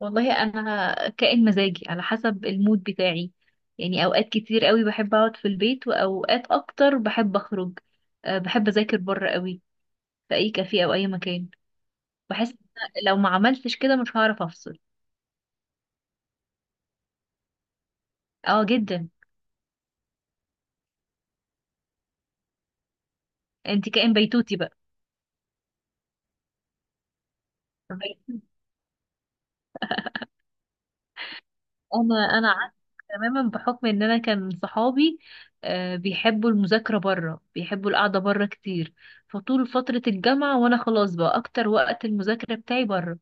والله انا كائن مزاجي على حسب المود بتاعي. يعني اوقات كتير قوي بحب اقعد في البيت واوقات اكتر بحب اخرج. بحب اذاكر بره قوي في اي كافيه او اي مكان. بحس إن أنا لو ما عملتش كده مش هعرف افصل. اه، جدا. انت كائن بيتوتي بقى. انا عكس تماما، بحكم ان انا كان صحابي بيحبوا المذاكره بره، بيحبوا القعده بره كتير. فطول فتره الجامعه وانا خلاص بقى اكتر وقت المذاكره بتاعي بره.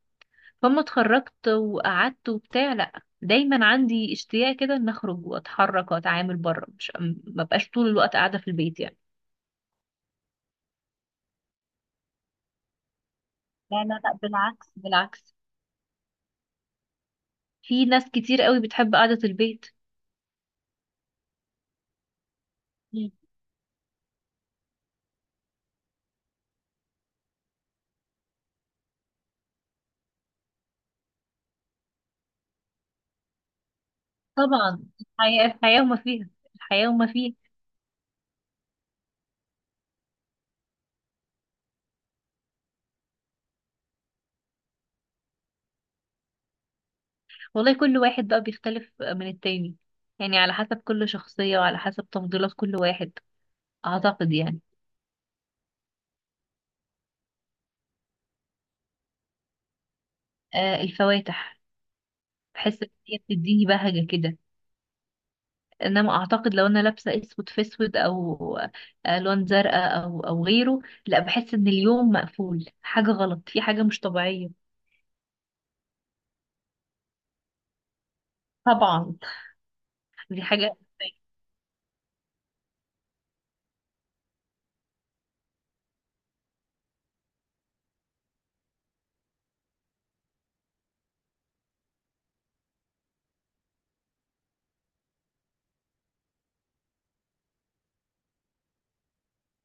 فما اتخرجت وقعدت وبتاع، لا، دايما عندي اشتياق كده ان اخرج واتحرك واتعامل بره. مش، ما بقاش طول الوقت قاعده في البيت يعني. لا لا لا، بالعكس بالعكس. في ناس كتير قوي بتحب قعده البيت. مم. طبعا الحياه وما فيها، الحياه وما فيها. والله كل واحد بقى بيختلف من التاني، يعني على حسب كل شخصيه وعلى حسب تفضيلات كل واحد، اعتقد يعني. آه، الفواتح. بحس ان هي بتديني بهجه كده. انما اعتقد لو انا لابسه اسود في اسود او الوان زرقاء او غيره، لا، بحس ان اليوم مقفول، حاجه غلط، في حاجه مش طبيعيه. طبعا. دي حاجه.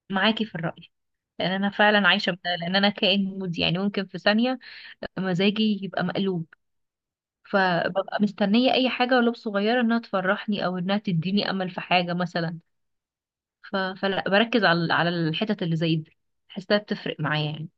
معاكي في الراي، لان انا فعلا عايشه بده، لان انا كائن مودي، يعني ممكن في ثانيه مزاجي يبقى مقلوب. فببقى مستنيه اي حاجه ولو صغيره انها تفرحني او انها تديني امل في حاجه مثلا. فلا بركز على الحتت اللي زي دي، بحسها بتفرق معايا يعني.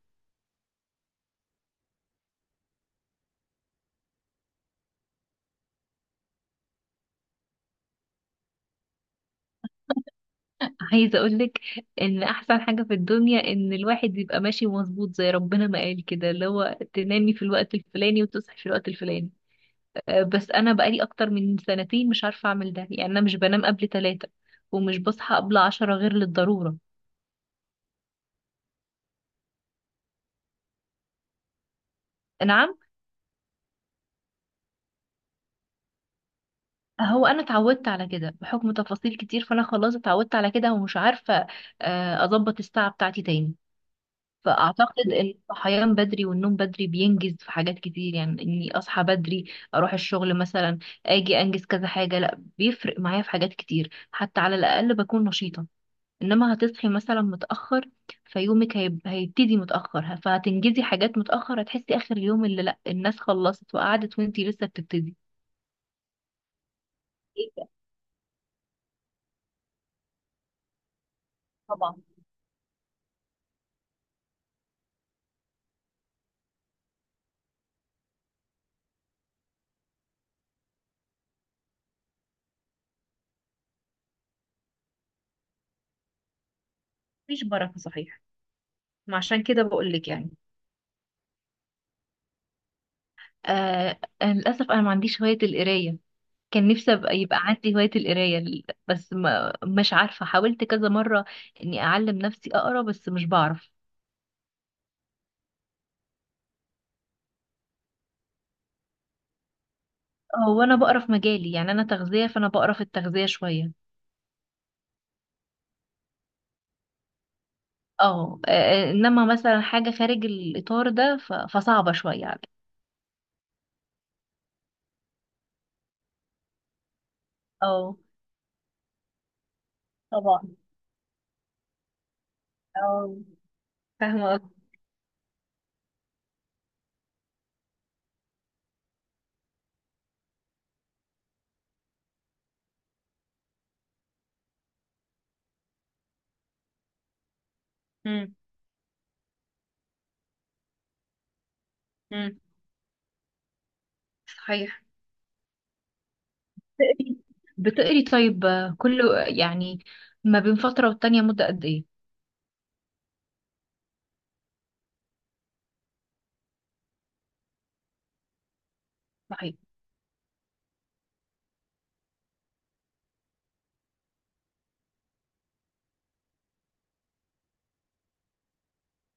عايزة اقولك ان احسن حاجة في الدنيا ان الواحد يبقى ماشي مظبوط، زي ربنا ما قال كده، اللي هو تنامي في الوقت الفلاني وتصحي في الوقت الفلاني. بس انا بقالي اكتر من 2 سنين مش عارفة اعمل ده، يعني انا مش بنام قبل 3 ومش بصحى قبل 10 غير للضرورة. نعم. هو انا اتعودت على كده بحكم تفاصيل كتير، فانا خلاص اتعودت على كده ومش عارفة اظبط الساعة بتاعتي تاني. فأعتقد إن الصحيان بدري والنوم بدري بينجز في حاجات كتير. يعني إني أصحى بدري، أروح الشغل مثلا، أجي أنجز كذا حاجة، لأ، بيفرق معايا في حاجات كتير، حتى على الأقل بكون نشيطة. إنما هتصحي مثلا متأخر، فيومك هيبتدي متأخر، فهتنجزي حاجات متأخر، هتحسي آخر اليوم اللي لأ، الناس خلصت وقعدت وإنتي لسه بتبتدي. إيه ده؟ طبعا. مفيش بركة صحيح، ما عشان كده بقولك يعني. آه، للأسف أنا ما عنديش هواية القراية. كان نفسي ابقى يبقى عندي هواية القراية، بس ما، مش عارفة، حاولت كذا مرة اني اعلم نفسي اقرا بس مش بعرف. هو انا بقرا في مجالي، يعني انا تغذية فانا بقرا في التغذية شوية. انما مثلا حاجة خارج الاطار ده فصعبة شوية عليا. اه. طبعا. اه. فاهمة قصدي. امم. امم. صحيح. بتقري بتقري طيب، كل، يعني، ما بين فترة والتانية مدة قد ايه؟ صحيح.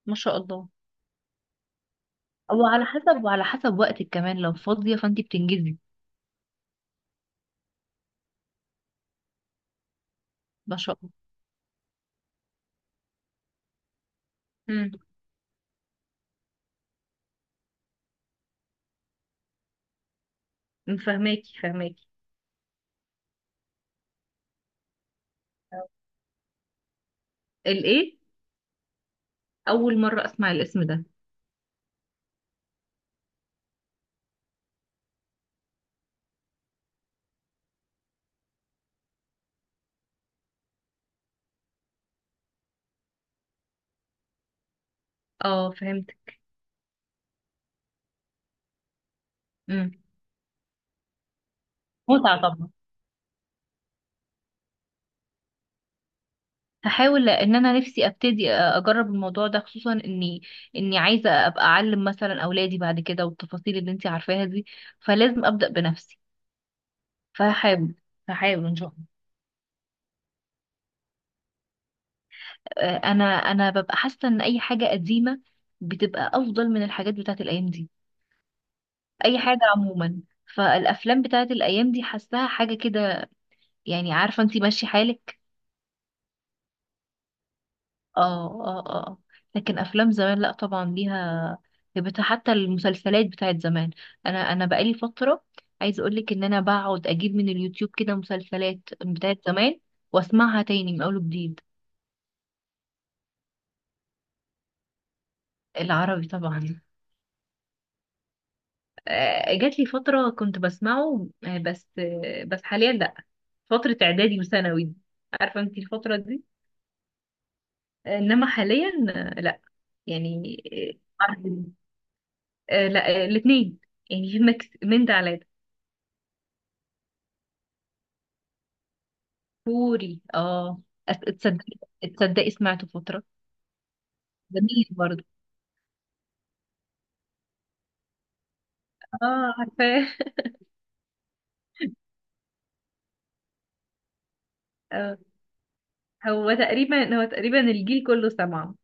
ما شاء الله. وعلى حسب وقتك كمان، لو فاضية فانتي بتنجزي. ما شاء الله. امم، فهماكي. الايه؟ اول مره اسمع الاسم ده. اه، فهمتك. امم. متعة طبعا. هحاول ان انا نفسي ابتدي اجرب الموضوع ده، خصوصا اني عايزة ابقى اعلم مثلا اولادي بعد كده، والتفاصيل اللي انتي عارفاها دي، فلازم ابدأ بنفسي. فهحاول. هحاول ان شاء الله. انا ببقى حاسة ان اي حاجة قديمة بتبقى افضل من الحاجات بتاعت الايام دي، اي حاجه عموما. فالافلام بتاعت الايام دي حاساها حاجه كده، يعني، عارفه انتي، ماشي حالك. اه اه اه. لكن افلام زمان، لا، طبعا ليها هيبتها. حتى المسلسلات بتاعت زمان، انا بقالي فتره عايزه اقولك ان انا بقعد اجيب من اليوتيوب كده مسلسلات بتاعت زمان واسمعها تاني من اول وجديد. العربي طبعا. آه، جات لي فتره كنت بسمعه، بس حاليا لا. فتره اعدادي وثانوي، عارفه انتي الفتره دي. انما حاليا، لا، يعني، آه، عربي. آه، لا، آه، الاثنين، يعني في ميكس من ده على ده. كوري، اه. أس- تصدقي تصدقي سمعته فترة، جميل برضه. اه، عارفاه. آه. هو تقريبا الجيل كله سمعه.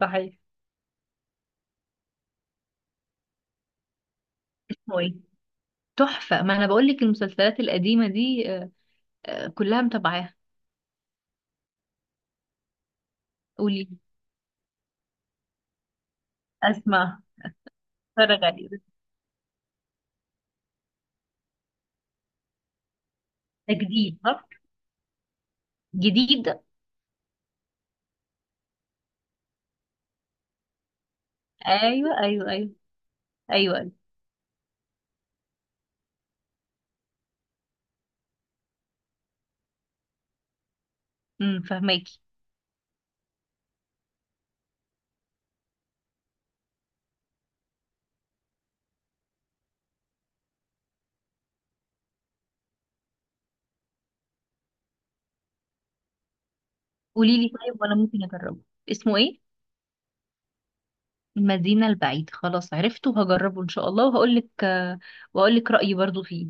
صحيح. هو إيه؟ تحفة. ما انا بقول لك المسلسلات القديمة دي، كلها متابعاها. قولي. اسمع. اتفرج عليه ده. جديد صح؟ جديد. ايوه ايوه ايوه. ايوه، أيوة. امم، فهماكي. قولي لي، طيب وانا ممكن اجربه، اسمه ايه؟ المدينة البعيدة، خلاص عرفته، هجربه ان شاء الله وهقول لك رأيي برضو فيه.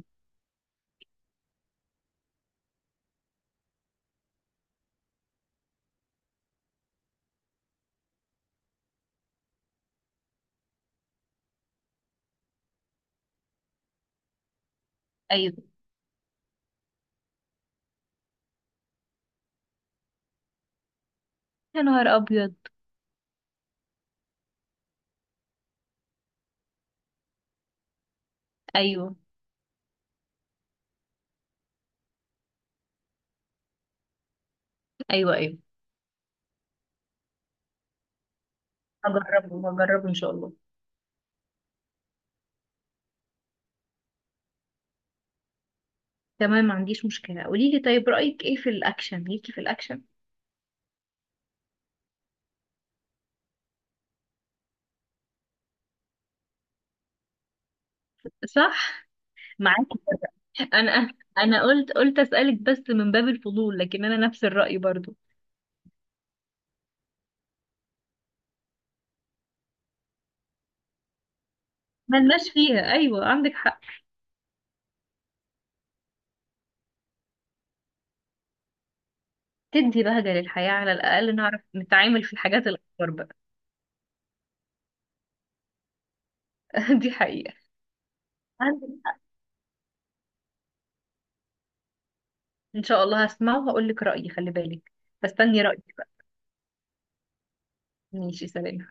ايوه. يا نهار ابيض. ايوه ايوه ايوه. هجربه هجربه ان شاء الله. تمام، ما عنديش مشكلة. قولي لي، طيب رأيك ايه في الاكشن؟ ليكي في الاكشن. صح. معاكي. انا قلت اسألك بس من باب الفضول، لكن انا نفس الرأي برضو. ملناش فيها، ايوه عندك حق. تدي بهجة للحياة، على الاقل نعرف نتعامل في الحاجات الاكبر بقى. دي حقيقة. عندك. ان شاء الله هسمعه وهقول لك رأيي، خلي بالك. فاستني رأيك بقى. ماشي، سلام.